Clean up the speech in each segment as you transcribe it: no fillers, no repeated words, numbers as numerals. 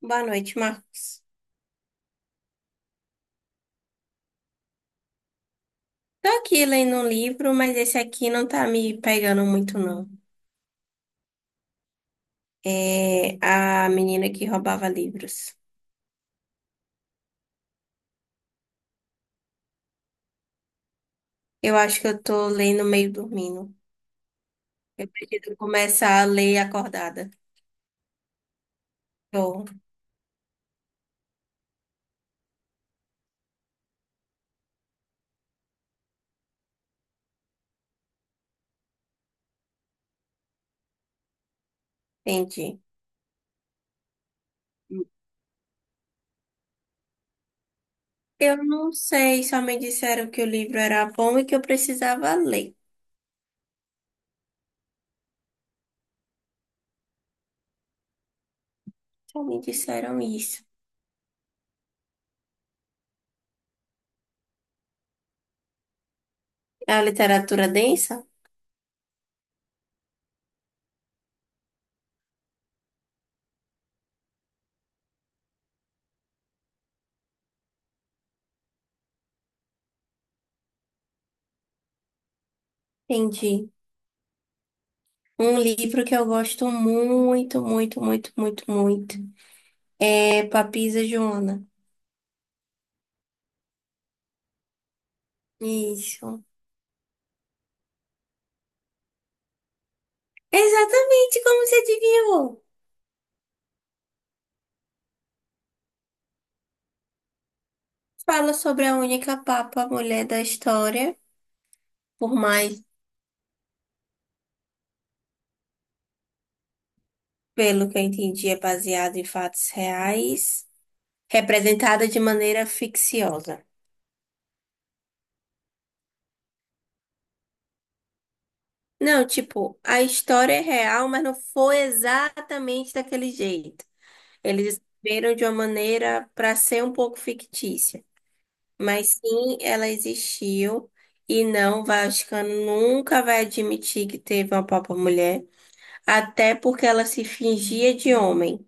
Boa noite, Marcos. Tô aqui lendo um livro, mas esse aqui não tá me pegando muito, não. É A Menina que Roubava Livros. Eu acho que eu tô lendo meio dormindo. Eu preciso começar a ler acordada. Tô, entendi. Eu não sei, só me disseram que o livro era bom e que eu precisava ler. Só me disseram isso. É a literatura densa? Entendi. Um livro que eu gosto muito, muito, muito, muito, muito é Papisa Joana. Isso. Exatamente como você adivinhou. Fala sobre a única papa mulher da história, por mais, pelo que eu entendi, é baseado em fatos reais, representada de maneira ficciosa. Não, tipo, a história é real, mas não foi exatamente daquele jeito. Eles escreveram de uma maneira para ser um pouco fictícia. Mas sim, ela existiu. E não, o Vaticano nunca vai admitir que teve uma papa mulher. Até porque ela se fingia de homem.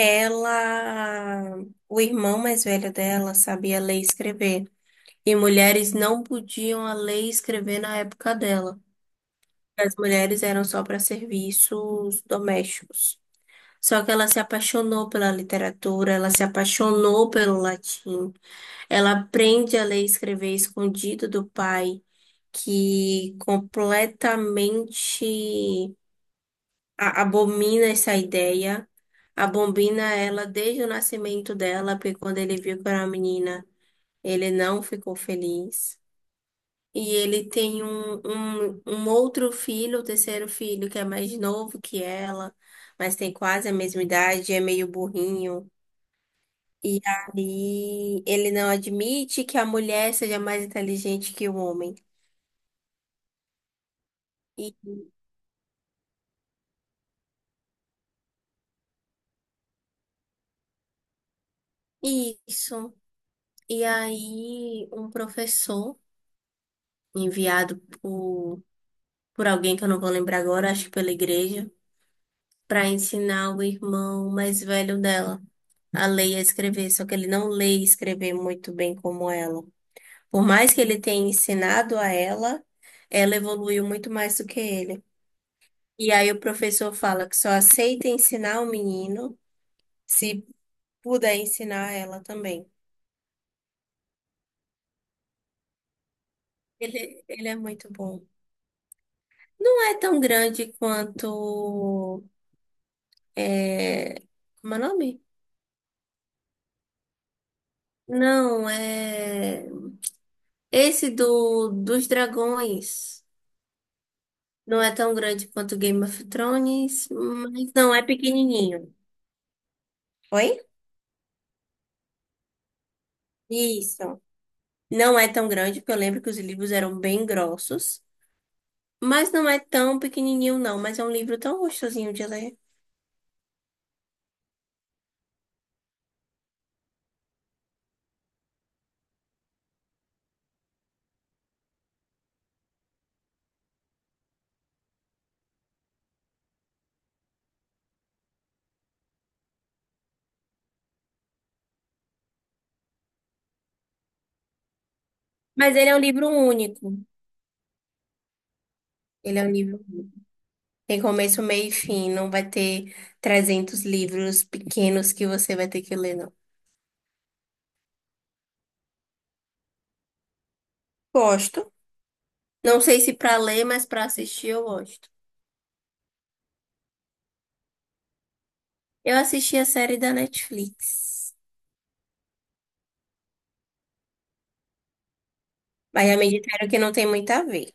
Ela, o irmão mais velho dela sabia ler e escrever. E mulheres não podiam a ler e escrever na época dela. As mulheres eram só para serviços domésticos. Só que ela se apaixonou pela literatura, ela se apaixonou pelo latim. Ela aprende a ler e escrever escondido do pai, que completamente abomina essa ideia, abomina ela desde o nascimento dela, porque quando ele viu que era uma menina, ele não ficou feliz. E ele tem um outro filho, o terceiro filho, que é mais novo que ela, mas tem quase a mesma idade, é meio burrinho. E aí ele não admite que a mulher seja mais inteligente que o homem. E isso. E aí um professor enviado por alguém que eu não vou lembrar agora, acho que pela igreja, para ensinar o irmão mais velho dela a ler e a escrever, só que ele não lê e escrever muito bem como ela. Por mais que ele tenha ensinado a ela, ela evoluiu muito mais do que ele. E aí o professor fala que só aceita ensinar o menino se puder ensinar ela também. Ele é muito bom. Não é tão grande quanto. É... Como é o nome? Não, é. Esse dos dragões não é tão grande quanto Game of Thrones, mas não é pequenininho. Oi? Isso. Não é tão grande, porque eu lembro que os livros eram bem grossos. Mas não é tão pequenininho, não. Mas é um livro tão gostosinho de ler. Mas ele é um livro único. Ele é um livro único. Tem começo, meio e fim. Não vai ter 300 livros pequenos que você vai ter que ler, não. Gosto. Não sei se pra ler, mas pra assistir eu gosto. Eu assisti a série da Netflix. Mas já me disseram que não tem muito a ver.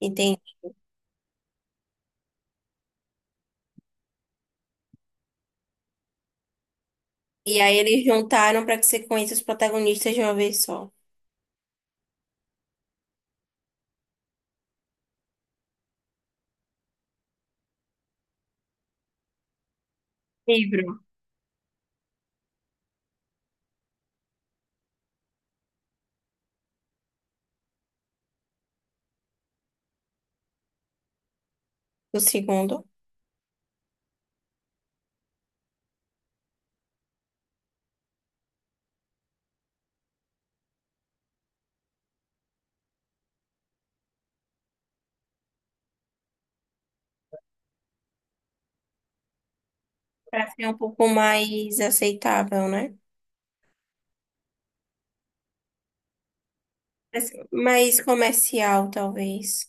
Entende? E aí eles juntaram para que você conheça os protagonistas de uma vez só. Livro. O segundo. Para ser um pouco mais aceitável, né? Assim, mais comercial, talvez.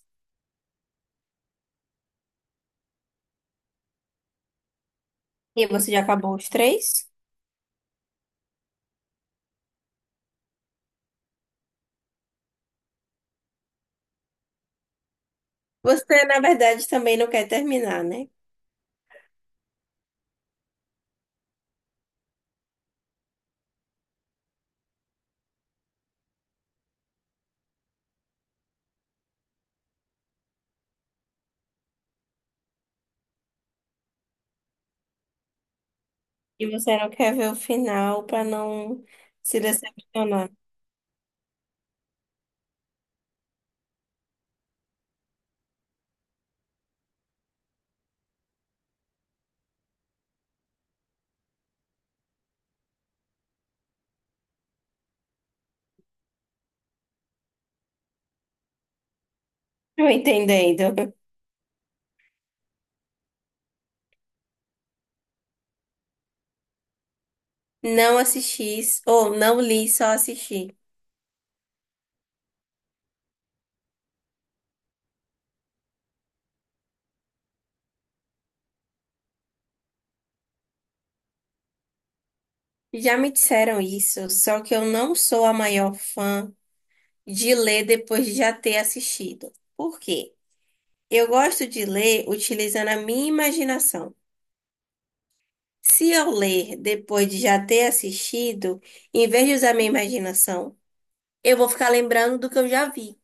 E você já acabou os três? Você, na verdade, também não quer terminar, né? E você não quer ver o final para não se decepcionar. Tô entendendo. Não assisti, ou não li, só assisti. Já me disseram isso, só que eu não sou a maior fã de ler depois de já ter assistido. Por quê? Eu gosto de ler utilizando a minha imaginação. Se eu ler depois de já ter assistido, em vez de usar minha imaginação, eu vou ficar lembrando do que eu já vi.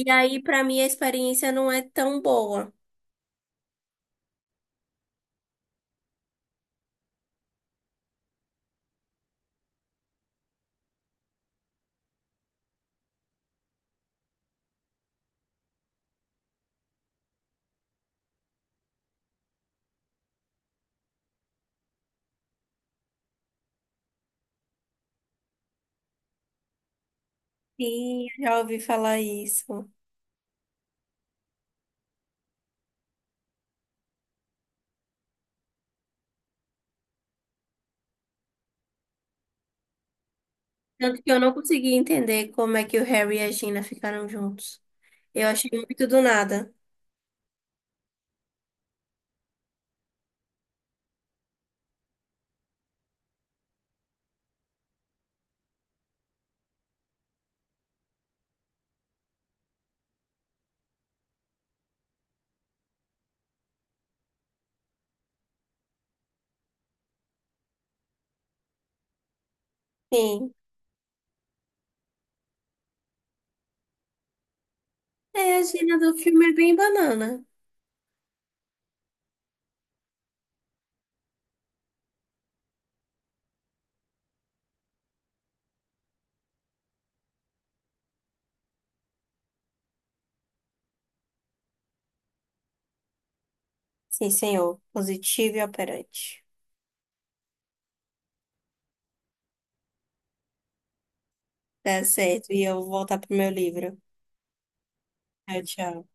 E aí, pra mim, a experiência não é tão boa. Sim, eu já ouvi falar isso. Tanto que eu não consegui entender como é que o Harry e a Gina ficaram juntos. Eu achei muito do nada. Sim. É, a gíria do filme é bem banana. Sim, senhor. Positivo e operante. Tá certo. E eu vou voltar pro meu livro. Tchau, tchau.